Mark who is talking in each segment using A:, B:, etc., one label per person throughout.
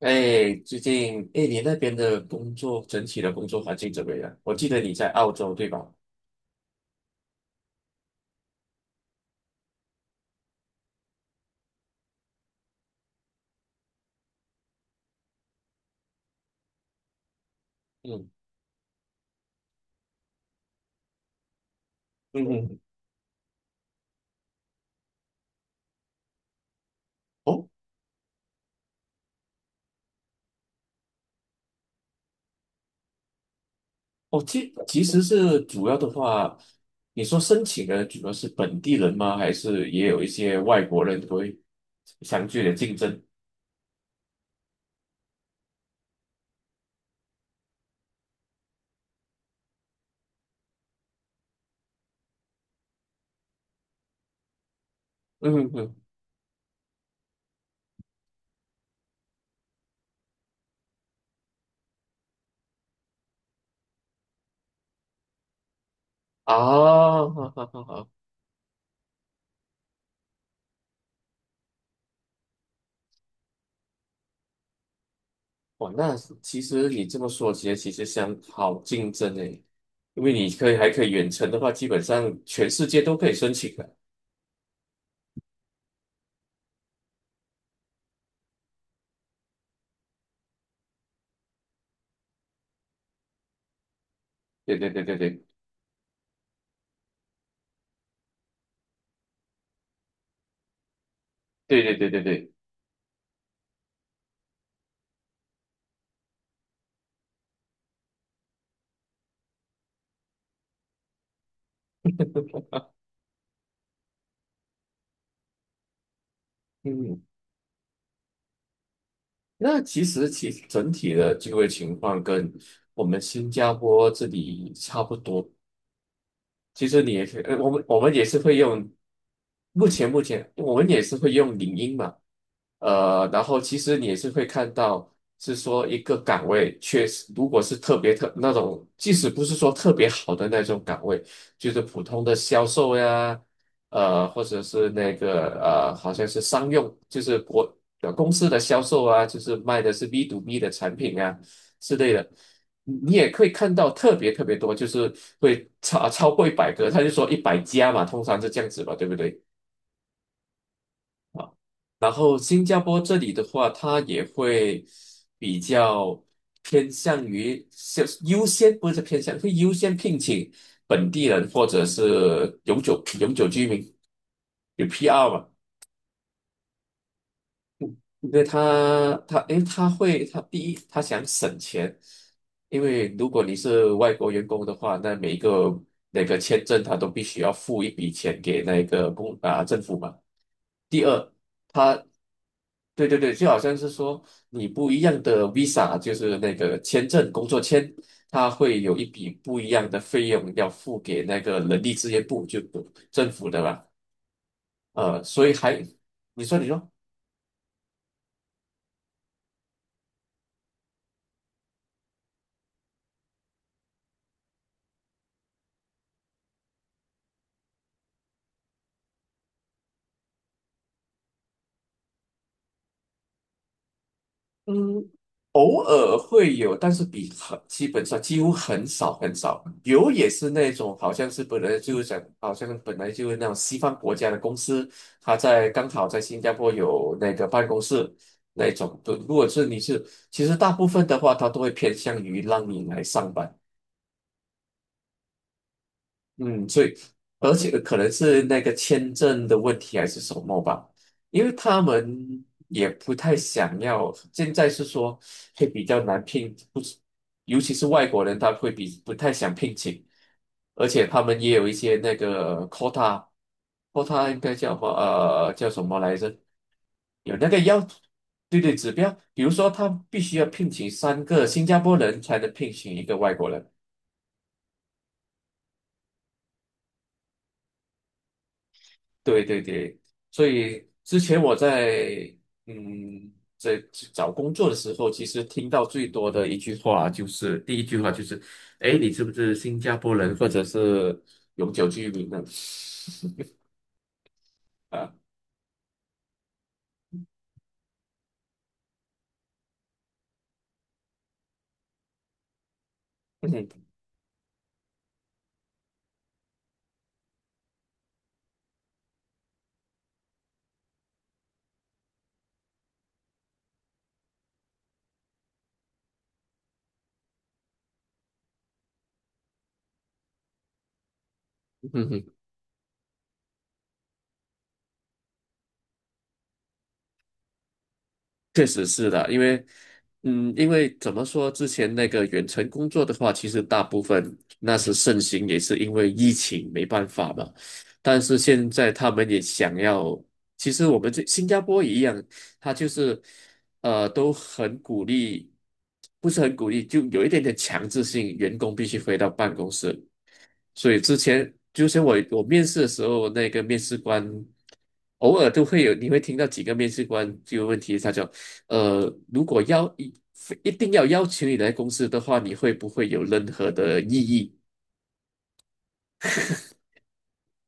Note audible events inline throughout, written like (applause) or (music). A: 哎，最近，哎，你那边的工作，整体的工作环境怎么样？我记得你在澳洲，对吧？嗯嗯嗯。哦哦，其实是主要的话，你说申请的主要是本地人吗？还是也有一些外国人会相对的竞争？嗯嗯嗯。啊，好好好好。哇，那其实你这么说其实相好竞争诶，因为你可以还可以远程的话，基本上全世界都可以申请的。对对对对对对对对对对。嗯，那其实其整体的就业情况跟我们新加坡这里差不多，其实你也可以，我们也是会用，目前我们也是会用领英嘛，呃，然后其实你也是会看到，是说一个岗位确实，如果是特别特那种，即使不是说特别好的那种岗位，就是普通的销售呀，呃，或者是那个呃，好像是商用，就是国呃公司的销售啊，就是卖的是 B to B 的产品啊之类的。你也可以看到特别特别多，就是会超过一百个，他就说一百家嘛，通常是这样子吧，对不对？然后新加坡这里的话，他也会比较偏向于先优先，不是偏向，会优先聘请本地人或者是永久居民，有 PR 嘛。对他，他诶，他会，他第一，他想省钱，因为如果你是外国员工的话，那每一个那个签证他都必须要付一笔钱给那个公啊、政府嘛。第二，他，对对对，就好像是说你不一样的 visa，就是那个签证工作签，他会有一笔不一样的费用要付给那个人力资源部，就政府的嘛。呃，所以还，你说你说。嗯。偶尔会有，但是比很基本上几乎很少很少。有也是那种好像是本来就是讲，好像本来就是那种西方国家的公司，他在刚好在新加坡有那个办公室那种。如果是你是，其实大部分的话，他都会偏向于让你来上班。嗯，所以而且可能是那个签证的问题还是什么吧，因为他们也不太想要。现在是说会比较难聘，不是，尤其是外国人，他会比不太想聘请，而且他们也有一些那个 quota，quota 应该叫什么？呃，叫什么来着？有那个要，对对，指标，比如说他必须要聘请三个新加坡人才能聘请一个外国人。对对对，所以之前我在嗯在找工作的时候，其实听到最多的一句话就是第一句话就是，哎，你是不是新加坡人或者是永久居民呢？啊，嗯 (laughs) 确实是的，因为，嗯，因为怎么说，之前那个远程工作的话，其实大部分那时盛行，也是因为疫情没办法嘛。但是现在他们也想要，其实我们这新加坡一样，他就是，呃，都很鼓励，不是很鼓励，就有一点点强制性，员工必须回到办公室。所以之前，就像我面试的时候，那个面试官偶尔都会有，你会听到几个面试官这个问题，他就。呃，如果要一定要邀请你来公司的话，你会不会有任何的异议？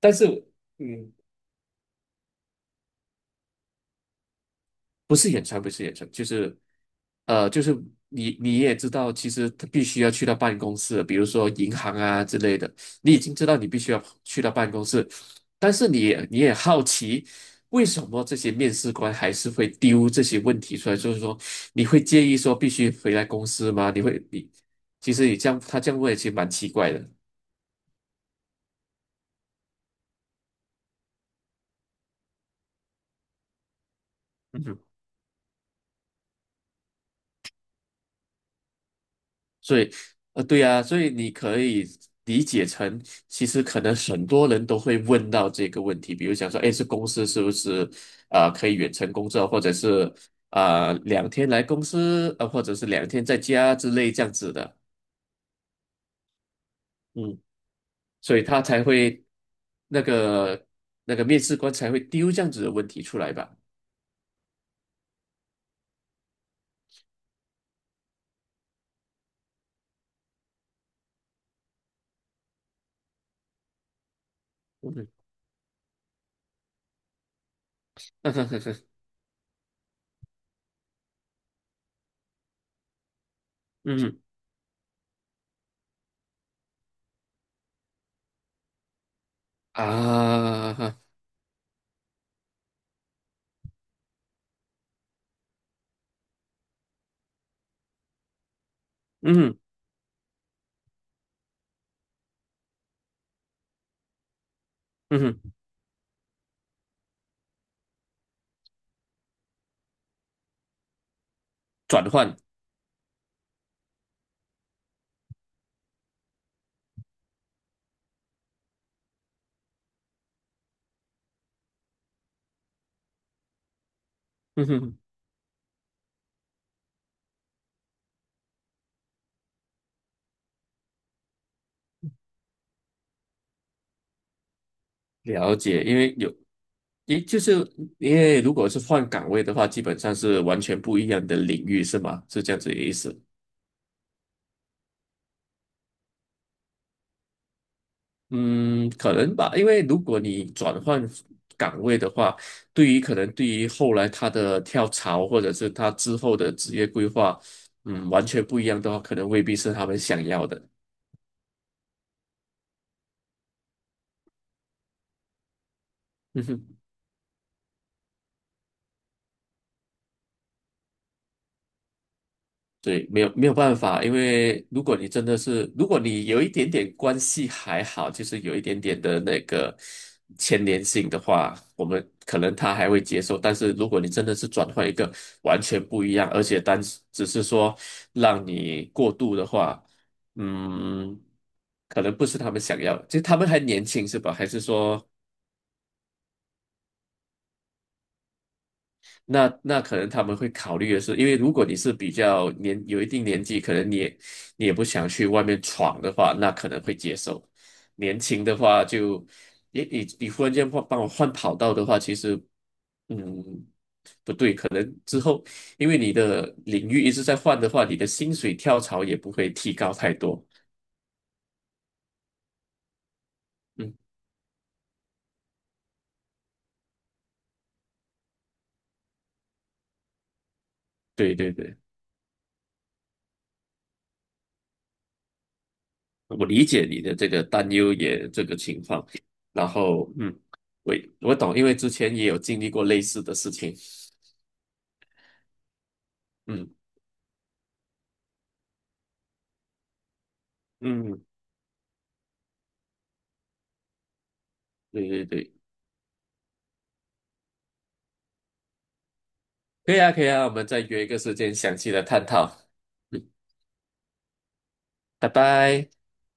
A: 但是，嗯，不是演唱，不是演唱，就是呃，就是你也知道，其实他必须要去到办公室，比如说银行啊之类的，你已经知道你必须要去到办公室，但是你也好奇。为什么这些面试官还是会丢这些问题出来？就是说，你会介意说必须回来公司吗？你会你其实你这样他这样问，其实蛮奇怪的。嗯所以，呃，对啊，所以你可以理解成，其实可能很多人都会问到这个问题，比如想说，哎，这公司是不是啊、呃可以远程工作，或者是啊、呃两天来公司，呃，或者是两天在家之类这样子的，嗯，所以他才会那个那个面试官才会丢这样子的问题出来吧，嗯 (laughs) 嗯啊，嗯嗯，转换。嗯哼，了解，因为有也就是因为如果是换岗位的话，基本上是完全不一样的领域，是吗？是这样子的意思。嗯，可能吧，因为如果你转换岗位的话，对于可能对于后来他的跳槽或者是他之后的职业规划，嗯，完全不一样的话，可能未必是他们想要的。(laughs) 对，没有没有办法，因为如果你真的是，如果你有一点点关系还好，就是有一点点的那个牵连性的话，我们可能他还会接受。但是如果你真的是转换一个完全不一样，而且单只是说让你过度的话，嗯，可能不是他们想要的。其实他们还年轻是吧？还是说那那可能他们会考虑的是，因为如果你是比较年有一定年纪，可能你也不想去外面闯的话，那可能会接受。年轻的话就，你忽然间换帮我换跑道的话，其实嗯不对，可能之后因为你的领域一直在换的话，你的薪水跳槽也不会提高太多。嗯，对对对。我理解你的这个担忧也这个情况，然后嗯，我我懂，因为之前也有经历过类似的事情，嗯嗯，对对对，可以啊可以啊，我们再约一个时间详细的探讨，嗯，拜拜。